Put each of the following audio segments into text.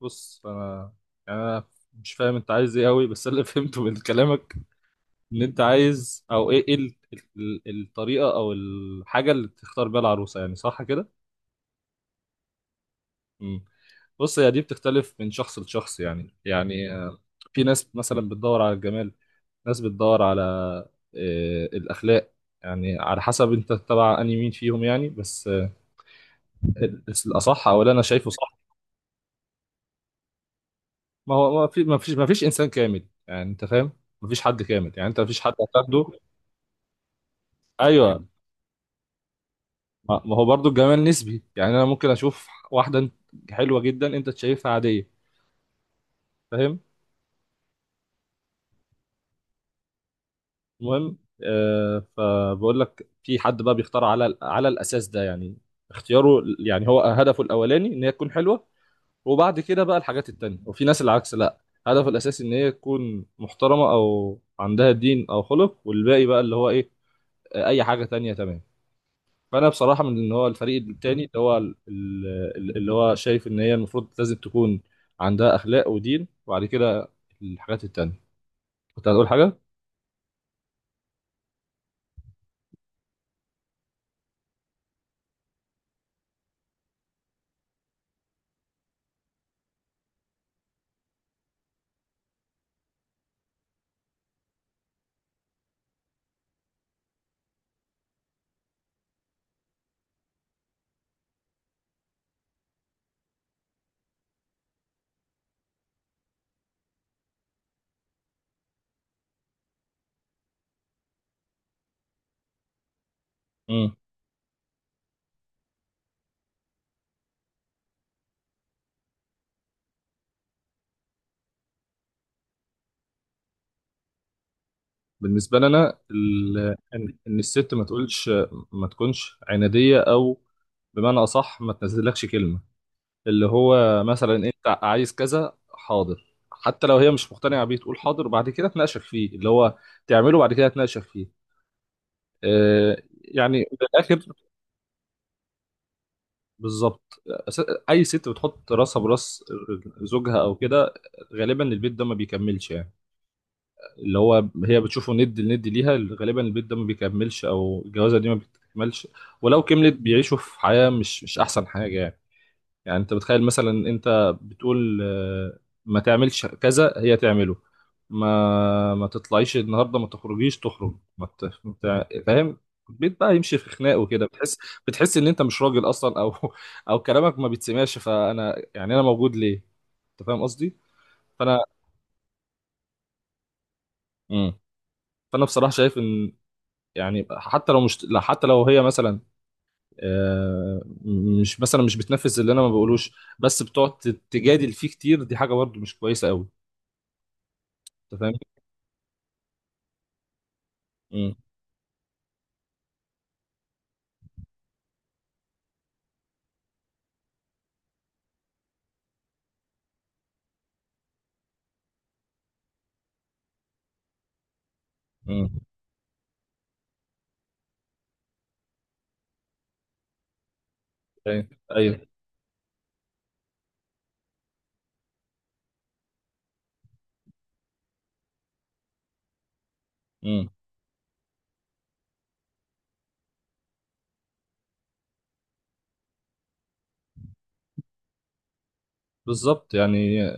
بص، انا مش فاهم انت عايز ايه قوي، بس أنا اللي فهمته من كلامك ان انت عايز، او الطريقه او الحاجه اللي تختار بيها العروسه، يعني صح كده؟ امم بص، هي دي بتختلف من شخص لشخص، يعني في ناس مثلا بتدور على الجمال، ناس بتدور على الاخلاق، يعني على حسب انت تبع انهي مين فيهم يعني، بس الاصح او اللي انا شايفه صح. ما هو ما في ما فيش ما فيش انسان كامل يعني، انت فاهم؟ ما فيش حد كامل، يعني انت ما فيش حد هتاخده. ايوه، ما هو برضو الجمال نسبي، يعني انا ممكن اشوف واحده حلوه جدا انت شايفها عاديه، فاهم؟ المهم، فبقول لك، في حد بقى بيختار على الاساس ده يعني، اختياره يعني هو هدفه الاولاني ان هي تكون حلوه، وبعد كده بقى الحاجات التانية. وفي ناس العكس، لا، هدفه الاساسي ان هي تكون محترمه او عندها دين او خلق، والباقي بقى اللي هو ايه، اي حاجه تانية. تمام. فانا بصراحه من اللي هو الفريق التاني، اللي هو اللي هو شايف ان هي المفروض لازم تكون عندها اخلاق ودين، وبعد كده الحاجات التانيه. كنت هتقول حاجه؟ امم بالنسبه لنا ان إن الست ما تقولش، ما تكونش عناديه، او بمعنى اصح ما تنزلكش كلمه، اللي هو مثلا انت عايز كذا، حاضر، حتى لو هي مش مقتنعه بيه تقول حاضر وبعد كده تناقشك فيه، اللي هو تعمله بعد كده تناقشك فيه. يعني من الاخر بالظبط. أس- اي ست بتحط راسها براس زوجها او كده، غالبا البيت ده ما بيكملش يعني، اللي هو هي بتشوفه ند لند ليها، غالبا البيت ده ما بيكملش او الجوازه دي ما بتكملش. ولو كملت بيعيشوا في حياه مش احسن حاجه يعني. يعني انت بتخيل مثلا، انت بتقول ما تعملش كذا، هي تعمله، ما تطلعيش النهارده، ما تخرجيش تخرج، ما ت... ما تع- فاهم؟ البيت بقى يمشي في خناق وكده. بتحس، بتحس ان انت مش راجل اصلا، او او كلامك ما بيتسمعش، فانا يعني انا موجود ليه؟ انت فاهم قصدي؟ فانا مم. فانا بصراحه شايف ان، يعني حتى لو مش لا، حتى لو هي مثلا آه، مش بتنفذ اللي انا ما بقولوش، بس بتقعد تجادل فيه كتير، دي حاجه برضه مش كويسه قوي. انت فاهم؟ امم. امم ايوه، ايوه. امم. بالظبط يعني،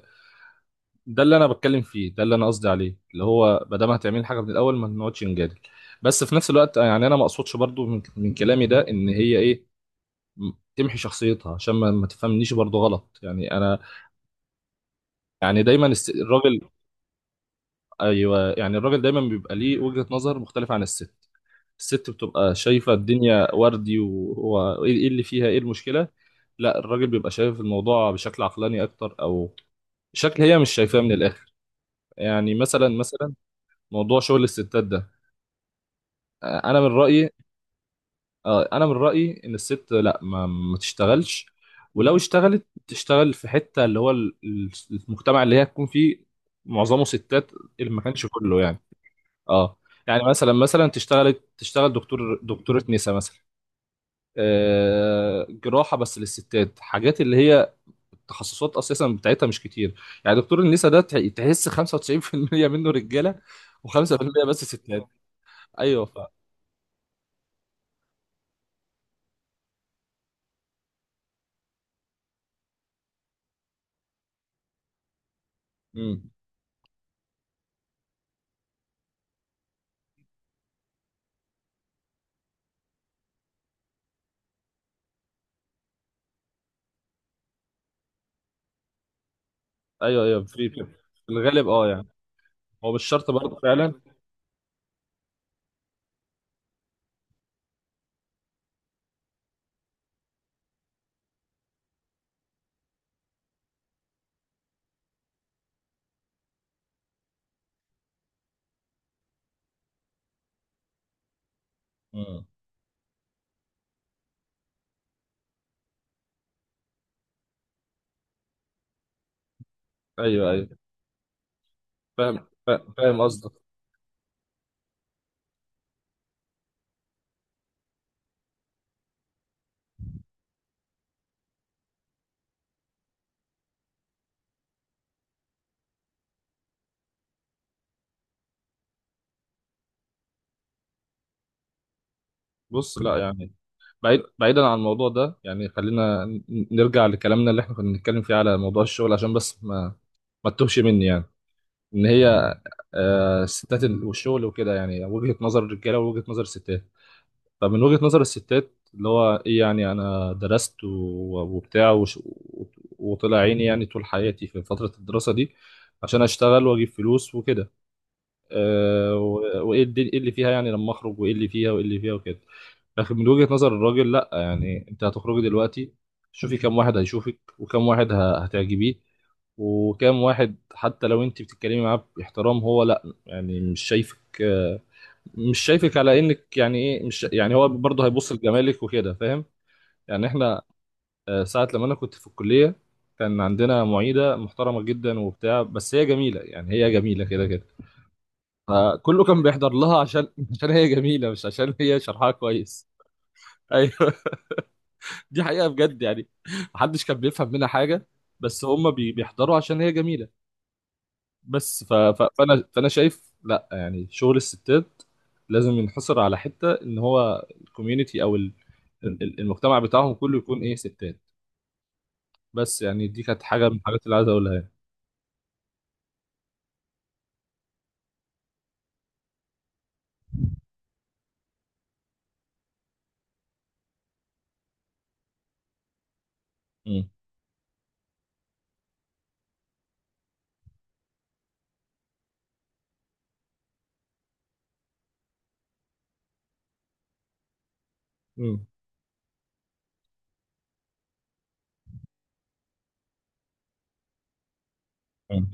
ده اللي انا بتكلم فيه، ده اللي انا قصدي عليه، اللي هو ما دام هتعمل حاجه من الاول، ما نقعدش نجادل. بس في نفس الوقت، يعني انا ما اقصدش برضو من كلامي ده ان هي ايه، تمحي شخصيتها، عشان ما تفهمنيش برضو غلط يعني. انا يعني دايما الراجل، ايوه، يعني الراجل دايما بيبقى ليه وجهة نظر مختلفه عن الست. الست بتبقى شايفه الدنيا وردي، وهو ايه، إيه اللي فيها، ايه المشكله، لا الراجل بيبقى شايف الموضوع بشكل عقلاني اكتر، او شكل هي مش شايفاه من الاخر. يعني مثلا مثلا، موضوع شغل الستات ده، انا من رايي، انا من رايي ان الست لا، ما تشتغلش، ولو اشتغلت تشتغل في حته اللي هو المجتمع اللي هي تكون فيه معظمه ستات، اللي ما كانش كله يعني. اه، يعني مثلا مثلا تشتغل، تشتغل دكتور، دكتوره نساء مثلا، جراحه بس للستات، حاجات اللي هي التخصصات اساسا بتاعتها مش كتير. يعني دكتور النساء ده تحس 95% منه رجاله و5% بس ستات. ايوه، ف مم. ايوه، ايوه، في في الغالب اه يعني، هو مش شرط برضه فعلا. مم. ايوه، ايوه، فاهم، فاهم قصدك. بص لا يعني، بعيد، بعيدا عن الموضوع ده يعني، خلينا نرجع لكلامنا اللي احنا كنا بنتكلم فيه على موضوع الشغل، عشان بس ما تتوهش مني يعني، ان هي الستات والشغل وكده، يعني وجهة نظر الرجاله ووجهة نظر الستات. فمن وجهة نظر الستات اللي هو ايه، يعني انا درست وبتاع وطلع عيني يعني طول حياتي في فترة الدراسة دي عشان اشتغل واجيب فلوس وكده. أه، وايه إيه اللي فيها يعني لما اخرج، وايه اللي فيها وايه اللي فيها وكده. لكن من وجهة نظر الراجل، لا يعني، انت هتخرجي دلوقتي، شوفي كم واحد هيشوفك، وكم واحد هتعجبيه، وكم واحد حتى لو انت بتتكلمي معاه باحترام، هو لا يعني مش شايفك، مش شايفك على انك يعني ايه، مش يعني هو برضه هيبص لجمالك وكده، فاهم؟ يعني احنا، ساعه لما انا كنت في الكليه، كان عندنا معيده محترمه جدا وبتاع، بس هي جميله، يعني هي جميله كده كده، فكله كان بيحضر لها عشان عشان هي جميله، مش عشان هي شرحها كويس. ايوه، دي حقيقه بجد يعني. محدش كان بيفهم منها حاجه، بس هم بيحضروا عشان هي جميله. بس ف... ف... فانا فانا شايف لا، يعني شغل الستات لازم ينحصر على حته ان هو الكوميونتي او المجتمع بتاعهم كله يكون ايه، ستات. بس يعني دي كانت حاجه من الحاجات اللي عايز اقولها يعني. مم. مم. مم.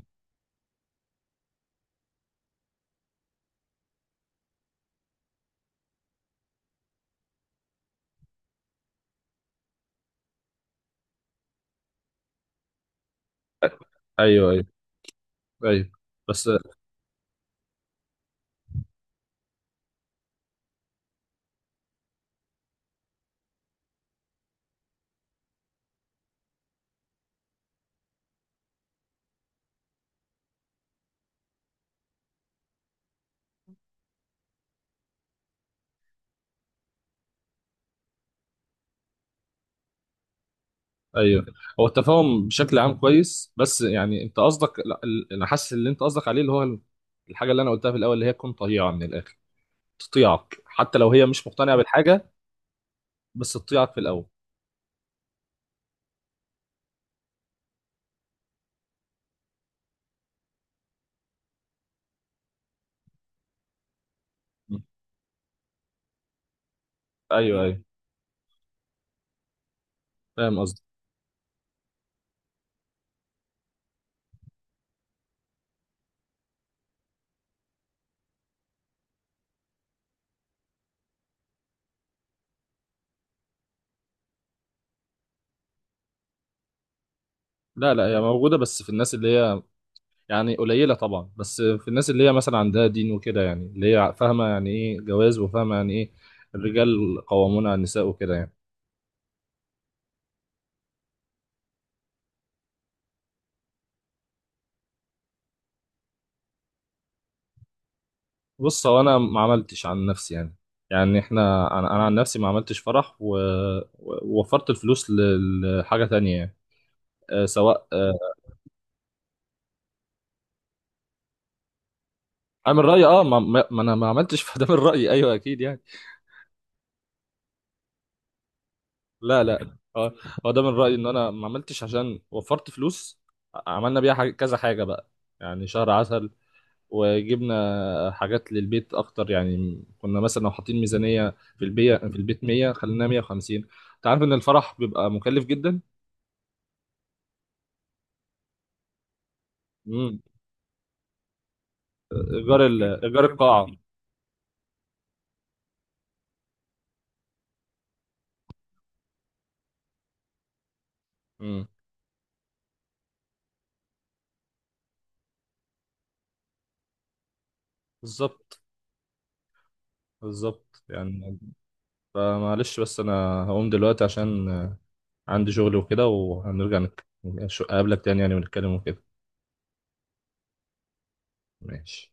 ايوه، ايوه، ايوه، بس ايوه، هو التفاهم بشكل عام كويس، بس يعني انت قصدك لا، انا حاسس اللي انت قصدك عليه اللي هو الحاجه اللي انا قلتها في الاول، اللي هي تكون طيعه من الاخر، تطيعك حتى لو هي مش مقتنعه بالحاجه، بس تطيعك في الاول. مم. ايوه، ايوه، فاهم قصدك. لا لا، هي موجودة بس في الناس اللي هي، يعني قليلة طبعا، بس في الناس اللي هي مثلا عندها دين وكده يعني، اللي هي فاهمة يعني ايه جواز، وفاهمة يعني ايه الرجال قوامون على النساء وكده يعني. بص، هو انا ما عملتش عن نفسي يعني، يعني احنا انا عن نفسي ما عملتش فرح ووفرت الفلوس لحاجة تانية يعني، أه، سواء أه، انا من رأيي اه ما انا ما عملتش، فده من رأيي، ايوه اكيد يعني. لا لا اه، هو ده من رأيي ان انا ما عملتش عشان وفرت فلوس، عملنا بيها حاجة، كذا حاجة بقى، يعني شهر عسل، وجبنا حاجات للبيت اكتر. يعني كنا مثلا لو حاطين ميزانية في البيت، 100، خلينا 150. انت عارف ان الفرح بيبقى مكلف جدا. امم. ايجار ايجار القاعة. امم. بالظبط، بالظبط يعني. فمعلش، بس انا هقوم دلوقتي عشان عندي شغل وكده، وهنرجع اقابلك تاني يعني ونتكلم وكده. ماشي.